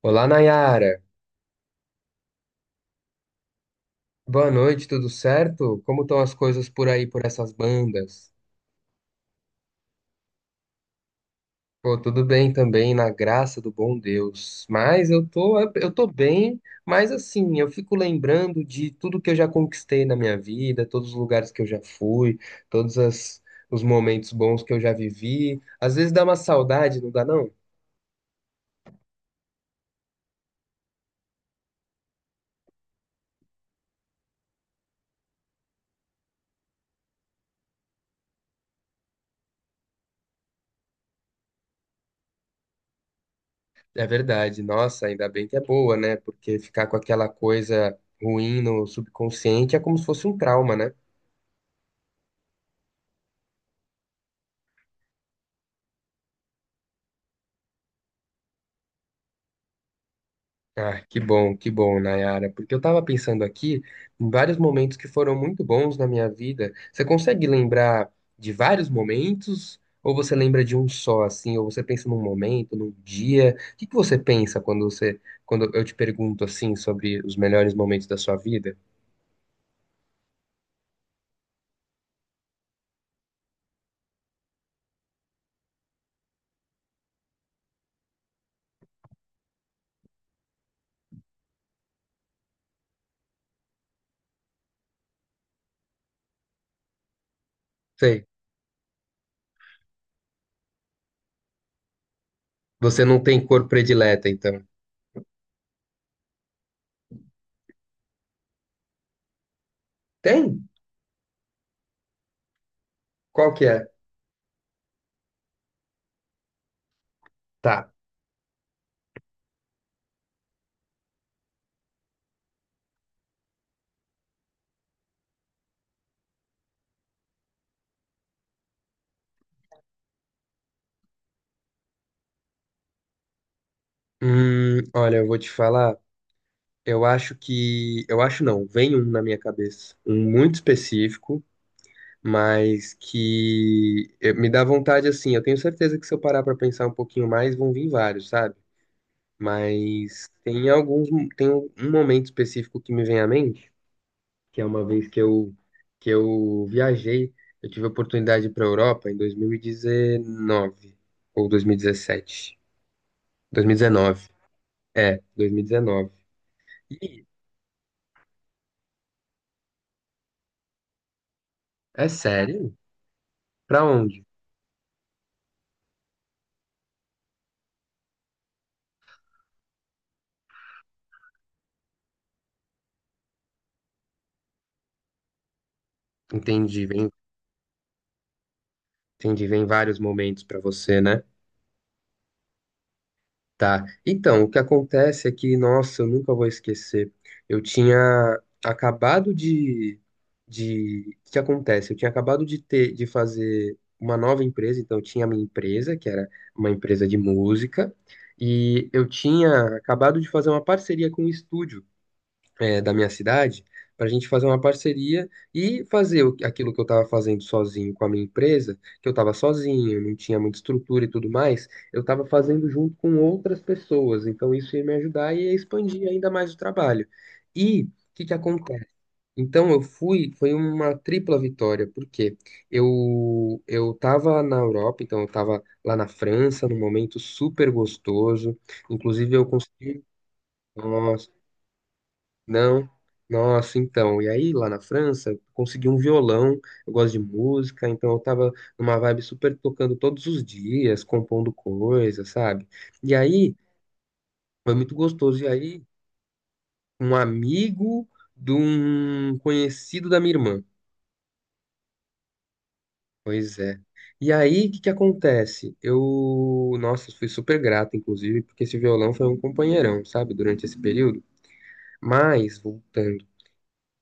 Olá, Nayara. Boa noite, tudo certo? Como estão as coisas por aí, por essas bandas? Pô, tudo bem também, na graça do bom Deus. Mas eu tô bem, mas assim, eu fico lembrando de tudo que eu já conquistei na minha vida, todos os lugares que eu já fui, todos as- os momentos bons que eu já vivi. Às vezes dá uma saudade, não dá não? É verdade. Nossa, ainda bem que é boa, né? Porque ficar com aquela coisa ruim no subconsciente é como se fosse um trauma, né? Ah, que bom, Nayara, porque eu tava pensando aqui em vários momentos que foram muito bons na minha vida. Você consegue lembrar de vários momentos ou você lembra de um só assim, ou você pensa num momento, num dia? O que que você pensa quando você quando eu te pergunto assim sobre os melhores momentos da sua vida? Sei. Você não tem cor predileta, então. Tem? Qual que é? Tá. Olha, eu vou te falar. Eu acho que. Eu acho não. Vem um na minha cabeça. Um muito específico, mas que me dá vontade assim. Eu tenho certeza que se eu parar pra pensar um pouquinho mais, vão vir vários, sabe? Mas tem alguns, tem um momento específico que me vem à mente, que é uma vez que eu viajei, eu tive a oportunidade para Europa em 2019 ou 2017, 2019, é, 2019. E dezenove. E é sério? Pra onde? Entendi, vem, entendi, vem vários momentos pra você, né? Tá. Então, o que acontece é que, nossa, eu nunca vou esquecer. Eu tinha acabado de... O que acontece? Eu tinha acabado de fazer uma nova empresa, então eu tinha a minha empresa, que era uma empresa de música, e eu tinha acabado de fazer uma parceria com um estúdio da minha cidade para a gente fazer uma parceria e aquilo que eu estava fazendo sozinho com a minha empresa, que eu estava sozinho, não tinha muita estrutura e tudo mais, eu estava fazendo junto com outras pessoas. Então isso ia me ajudar e ia expandir ainda mais o trabalho. E o que que acontece? Então eu fui, foi uma tripla vitória, porque eu estava na Europa, então eu estava lá na França, num momento super gostoso. Inclusive eu consegui, nossa, não. Nossa, então. E aí, lá na França, eu consegui um violão. Eu gosto de música, então eu tava numa vibe super tocando todos os dias, compondo coisas, sabe? E aí, foi muito gostoso. E aí, um amigo de um conhecido da minha irmã. Pois é. E aí, o que que acontece? Eu, nossa, fui super grato, inclusive, porque esse violão foi um companheirão, sabe, durante esse período. Mas, voltando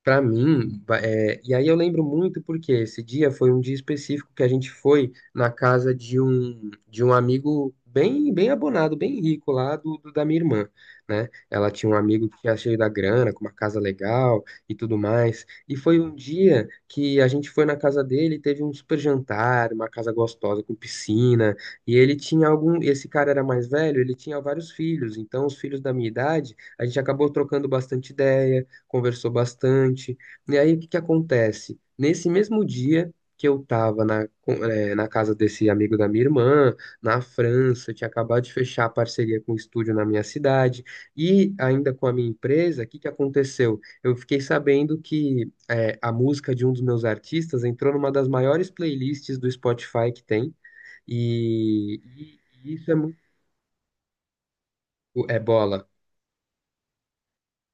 para mim, ba- é, e aí eu lembro muito porque esse dia foi um dia específico que a gente foi na casa de um amigo bem abonado, bem rico lá da minha irmã, né? Ela tinha um amigo que era cheio da grana, com uma casa legal e tudo mais. E foi um dia que a gente foi na casa dele, teve um super jantar, uma casa gostosa com piscina, e ele tinha algum, esse cara era mais velho, ele tinha vários filhos, então os filhos da minha idade, a gente acabou trocando bastante ideia, conversou bastante. E aí, o que que acontece? Nesse mesmo dia que eu estava na casa desse amigo da minha irmã, na França, eu tinha acabado de fechar a parceria com o estúdio na minha cidade, e ainda com a minha empresa, o que que aconteceu? Eu fiquei sabendo que a música de um dos meus artistas entrou numa das maiores playlists do Spotify que tem, e, e isso é muito. É bola.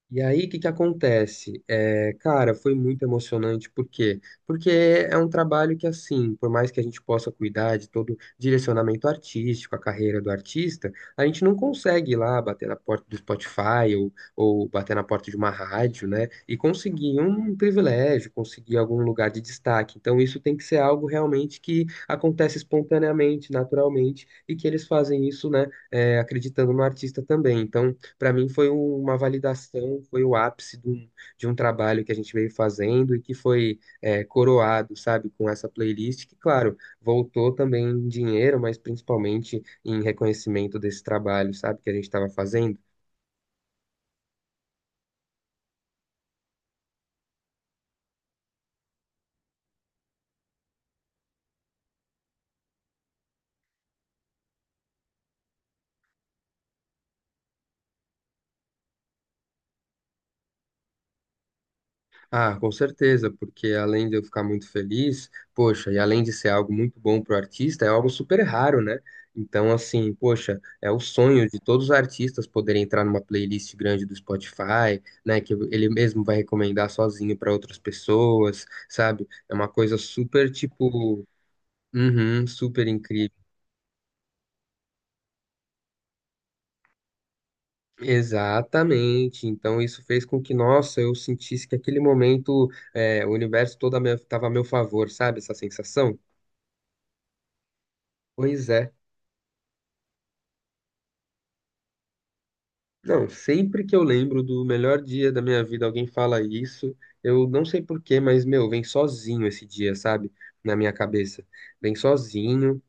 E aí, o que que acontece? É, cara, foi muito emocionante, por quê? Porque é um trabalho que, assim, por mais que a gente possa cuidar de todo o direcionamento artístico, a carreira do artista, a gente não consegue ir lá bater na porta do Spotify ou bater na porta de uma rádio, né? E conseguir um privilégio, conseguir algum lugar de destaque. Então, isso tem que ser algo realmente que acontece espontaneamente, naturalmente, e que eles fazem isso, né, acreditando no artista também. Então para mim foi uma validação, foi o ápice de um trabalho que a gente veio fazendo e que foi coroado, sabe, com essa playlist, que, claro, voltou também em dinheiro, mas principalmente em reconhecimento desse trabalho, sabe, que a gente estava fazendo. Ah, com certeza, porque além de eu ficar muito feliz, poxa, e além de ser algo muito bom para o artista, é algo super raro, né? Então, assim, poxa, é o sonho de todos os artistas poderem entrar numa playlist grande do Spotify, né? Que ele mesmo vai recomendar sozinho para outras pessoas, sabe? É uma coisa super, tipo, uhum, super incrível. Exatamente. Então isso fez com que, nossa, eu sentisse que aquele momento, o universo todo estava a meu tava a meu favor, sabe? Essa sensação. Pois é. Não, sempre que eu lembro do melhor dia da minha vida, alguém fala isso, eu não sei por quê, mas, meu, vem sozinho esse dia, sabe? Na minha cabeça. Vem sozinho,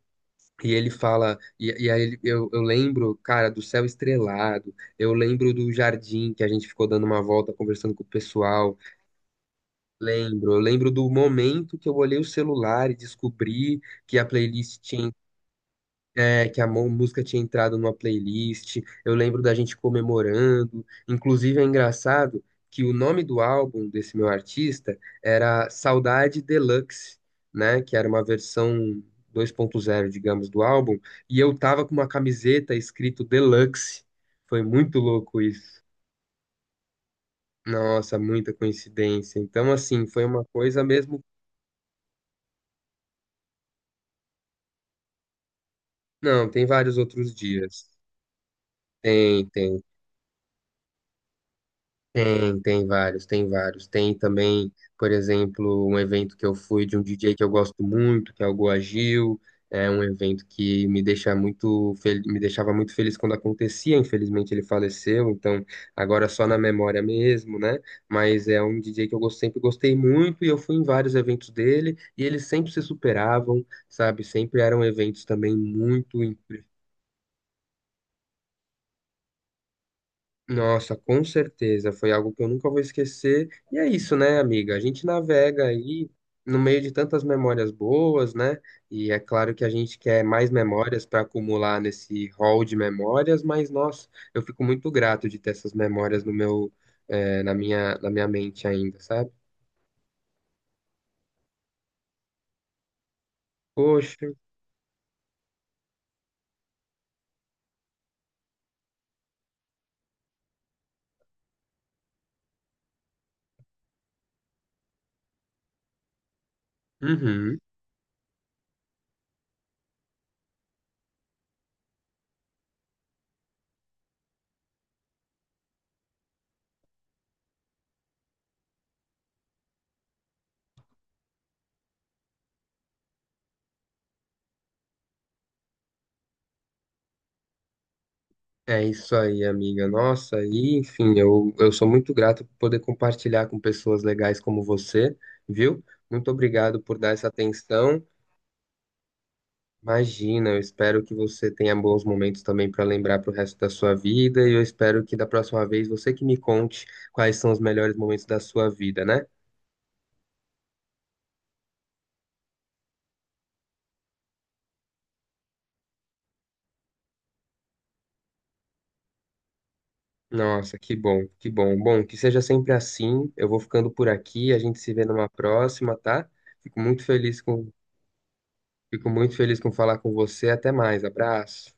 e ele fala, eu lembro, cara, do céu estrelado, eu lembro do jardim que a gente ficou dando uma volta conversando com o pessoal, lembro, eu lembro do momento que eu olhei o celular e descobri que a playlist tinha música tinha entrado numa playlist. Eu lembro da gente comemorando. Inclusive, é engraçado que o nome do álbum desse meu artista era Saudade Deluxe, né? Que era uma versão 2.0, digamos, do álbum. E eu tava com uma camiseta escrito Deluxe. Foi muito louco isso. Nossa, muita coincidência. Então, assim, foi uma coisa mesmo. Não, tem vários outros dias. Tem, tem. Tem, tem vários, tem vários. Tem também, por exemplo, um evento que eu fui de um DJ que eu gosto muito, que é o Goa Gil. É um evento que me deixa muito me deixava muito feliz quando acontecia. Infelizmente ele faleceu, então agora é só na memória mesmo, né? Mas é um DJ que eu sempre gostei muito e eu fui em vários eventos dele e eles sempre se superavam, sabe? Sempre eram eventos também muito. Nossa, com certeza, foi algo que eu nunca vou esquecer. E é isso, né, amiga? A gente navega aí no meio de tantas memórias boas, né? E é claro que a gente quer mais memórias para acumular nesse hall de memórias, mas nossa, eu fico muito grato de ter essas memórias no meu, eh, na minha mente ainda, sabe? Poxa, uhum. É isso aí, amiga. Nossa, e enfim, eu sou muito grato por poder compartilhar com pessoas legais como você, viu? Muito obrigado por dar essa atenção. Imagina, eu espero que você tenha bons momentos também para lembrar para o resto da sua vida. E eu espero que da próxima vez você que me conte quais são os melhores momentos da sua vida, né? Nossa, que bom, que bom. Bom, que seja sempre assim. Eu vou ficando por aqui, a gente se vê numa próxima, tá? Fico muito feliz com, fico muito feliz com falar com você. Até mais, abraço.